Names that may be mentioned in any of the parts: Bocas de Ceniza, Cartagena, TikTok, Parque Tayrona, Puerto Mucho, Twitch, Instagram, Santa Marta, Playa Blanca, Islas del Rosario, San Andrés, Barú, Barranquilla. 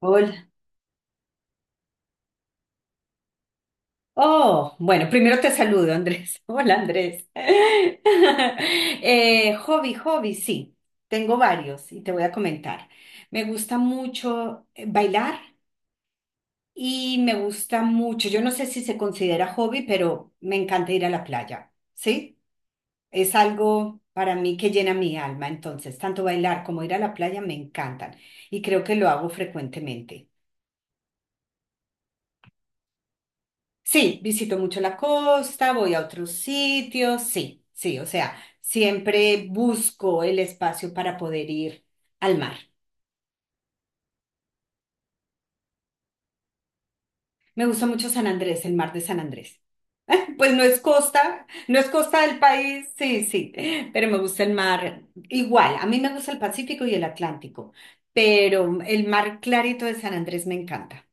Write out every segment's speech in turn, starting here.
Hola. Oh, bueno, primero te saludo, Andrés. Hola, Andrés. Hobby, hobby, sí. Tengo varios y te voy a comentar. Me gusta mucho bailar y me gusta mucho, yo no sé si se considera hobby, pero me encanta ir a la playa, ¿sí? Es algo para mí que llena mi alma, entonces, tanto bailar como ir a la playa me encantan y creo que lo hago frecuentemente. Sí, visito mucho la costa, voy a otros sitios, sí, sí, o sea, siempre busco el espacio para poder ir al mar. Me gusta mucho San Andrés, el mar de San Andrés. Pues no es costa, no es costa del país, sí, sí, pero me gusta el mar igual. A mí me gusta el Pacífico y el Atlántico, pero el mar clarito de San Andrés me encanta.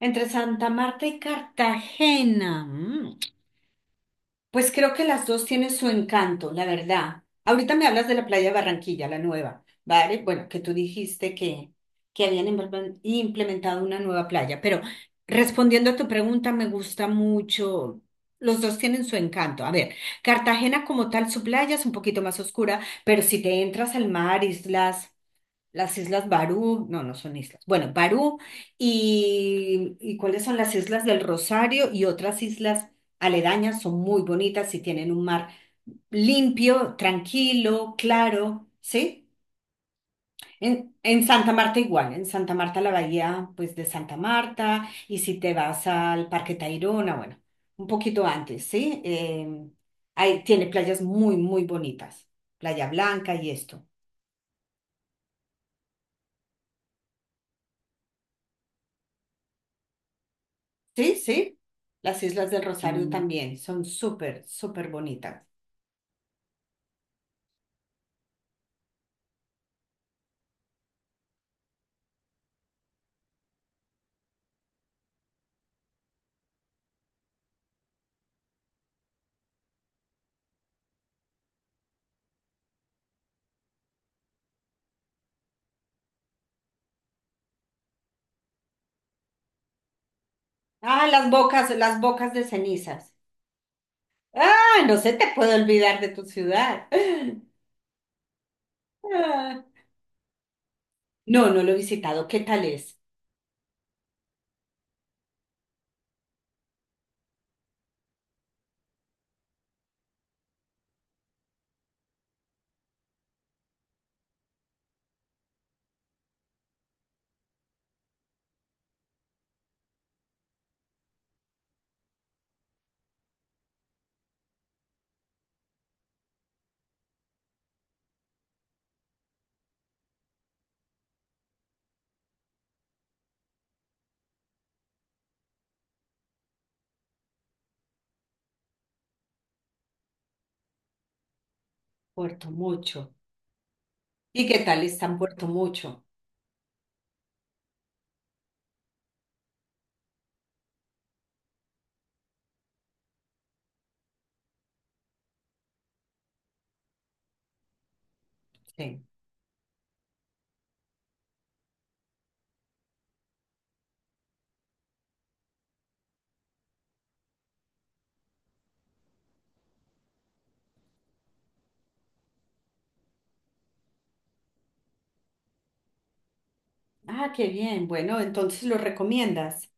Entre Santa Marta y Cartagena. Mm. Pues creo que las dos tienen su encanto, la verdad. Ahorita me hablas de la playa de Barranquilla, la nueva, ¿vale? Bueno, que tú dijiste que habían implementado una nueva playa, pero respondiendo a tu pregunta, me gusta mucho. Los dos tienen su encanto. A ver, Cartagena como tal, su playa es un poquito más oscura, pero si te entras al mar, islas. Las Islas Barú, no, no son islas. Bueno, Barú y cuáles son las Islas del Rosario y otras islas aledañas son muy bonitas y tienen un mar limpio, tranquilo, claro, ¿sí? En Santa Marta igual, en Santa Marta la bahía pues de Santa Marta y si te vas al Parque Tayrona, bueno, un poquito antes, ¿sí? Ahí tiene playas muy, muy bonitas, Playa Blanca y esto. Sí, sí. Las Islas del Rosario. Mm, también son súper, súper bonitas. Ah, las bocas de cenizas. Ah, no se te puede olvidar de tu ciudad. Ah, no, no lo he visitado. ¿Qué tal es? Puerto Mucho. ¿Y qué tal está en Puerto Mucho? Sí. Ah, qué bien. Bueno, entonces lo recomiendas.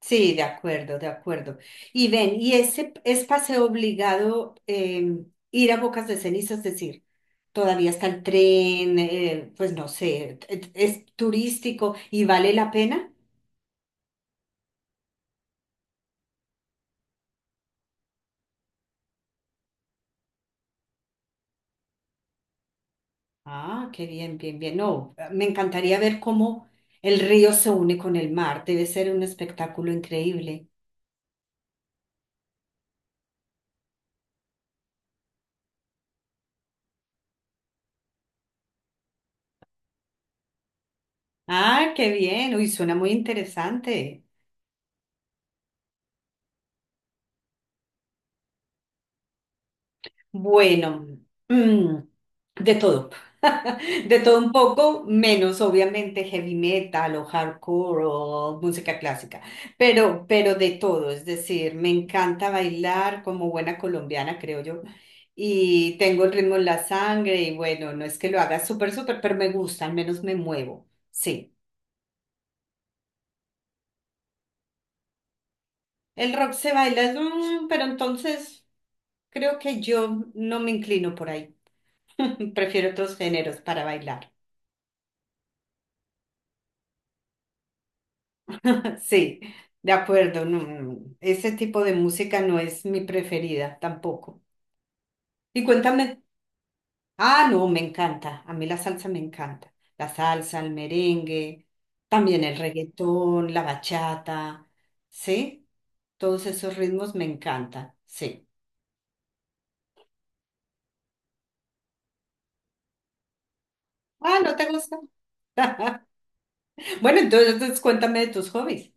Sí, de acuerdo, de acuerdo. Y ven, y ese es paseo obligado ir a Bocas de Ceniza, es decir, todavía está el tren, pues no sé, es turístico y vale la pena. Ah, qué bien, bien, bien. No, me encantaría ver cómo el río se une con el mar. Debe ser un espectáculo increíble. Ah, qué bien. Uy, suena muy interesante. Bueno, mm, de todo. De todo un poco, menos obviamente heavy metal o hardcore o música clásica, pero de todo. Es decir, me encanta bailar como buena colombiana, creo yo. Y tengo el ritmo en la sangre y bueno, no es que lo haga súper, súper, pero me gusta, al menos me muevo. Sí, el rock se baila, pero entonces creo que yo no me inclino por ahí. Prefiero otros géneros para bailar. Sí, de acuerdo. No, no, ese tipo de música no es mi preferida tampoco. Y cuéntame. Ah, no, me encanta. A mí la salsa me encanta. La salsa, el merengue, también el reggaetón, la bachata. ¿Sí? Todos esos ritmos me encantan. Sí. Ah, ¿no te gusta? Bueno, entonces, entonces cuéntame de tus hobbies.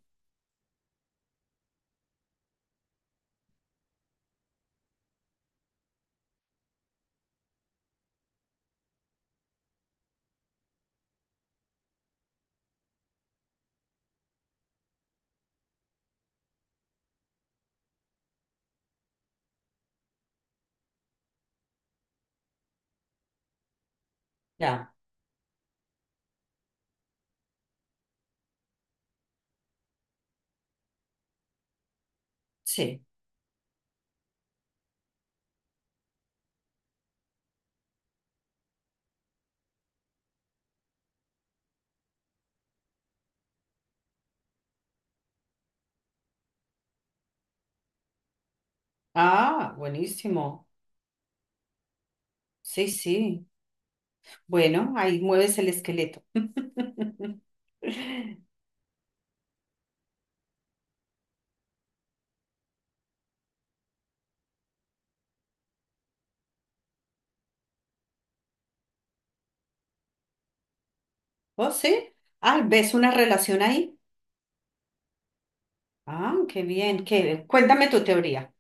Ya, sí. Ah, buenísimo. Sí, sí. Bueno, ahí mueves el esqueleto. ¿Oh, sí? Ah, ¿ves una relación ahí? Ah, qué bien, qué... Cuéntame tu teoría.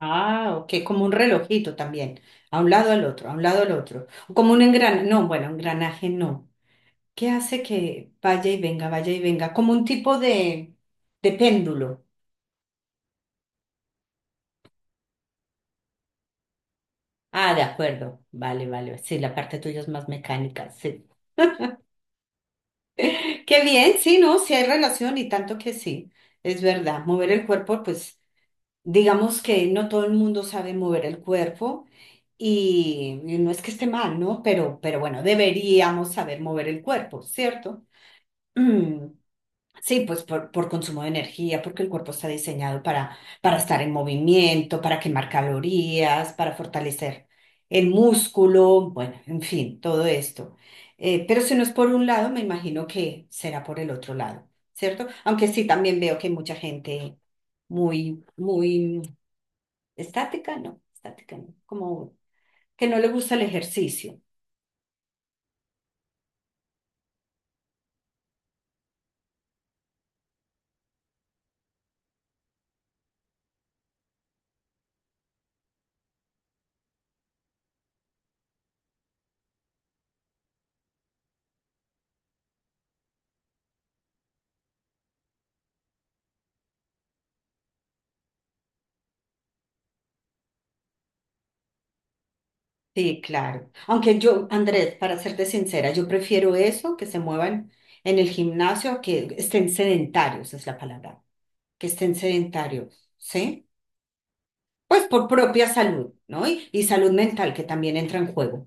Ah, ok, como un relojito también, a un lado al otro, a un lado al otro. Como un engranaje, no, bueno, engranaje no. ¿Qué hace que vaya y venga, vaya y venga? Como un tipo de péndulo. Ah, de acuerdo, vale, vale. Sí, la parte tuya es más mecánica, sí. Qué bien, sí, ¿no? Sí hay relación y tanto que sí, es verdad. Mover el cuerpo, pues... digamos que no todo el mundo sabe mover el cuerpo y no es que esté mal, ¿no? Pero bueno, deberíamos saber mover el cuerpo, ¿cierto? Mm, sí, pues por consumo de energía, porque el cuerpo está diseñado para estar en movimiento, para quemar calorías, para fortalecer el músculo, bueno, en fin, todo esto. Pero si no es por un lado, me imagino que será por el otro lado, ¿cierto? Aunque sí, también veo que hay mucha gente muy, muy estática, no, estática no, como que no le gusta el ejercicio. Sí, claro. Aunque yo, Andrés, para serte sincera, yo prefiero eso, que se muevan en el gimnasio, a que estén sedentarios, es la palabra, que estén sedentarios, ¿sí? Pues por propia salud, ¿no? Y salud mental que también entra en juego.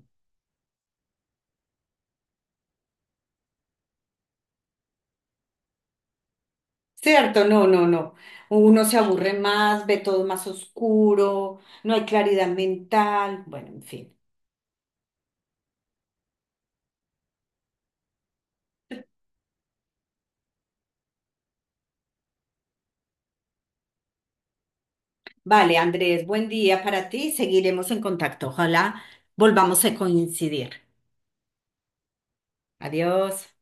Cierto, no, no, no. Uno se aburre más, ve todo más oscuro, no hay claridad mental, bueno, en fin. Vale, Andrés, buen día para ti. Seguiremos en contacto. Ojalá volvamos a coincidir. Adiós.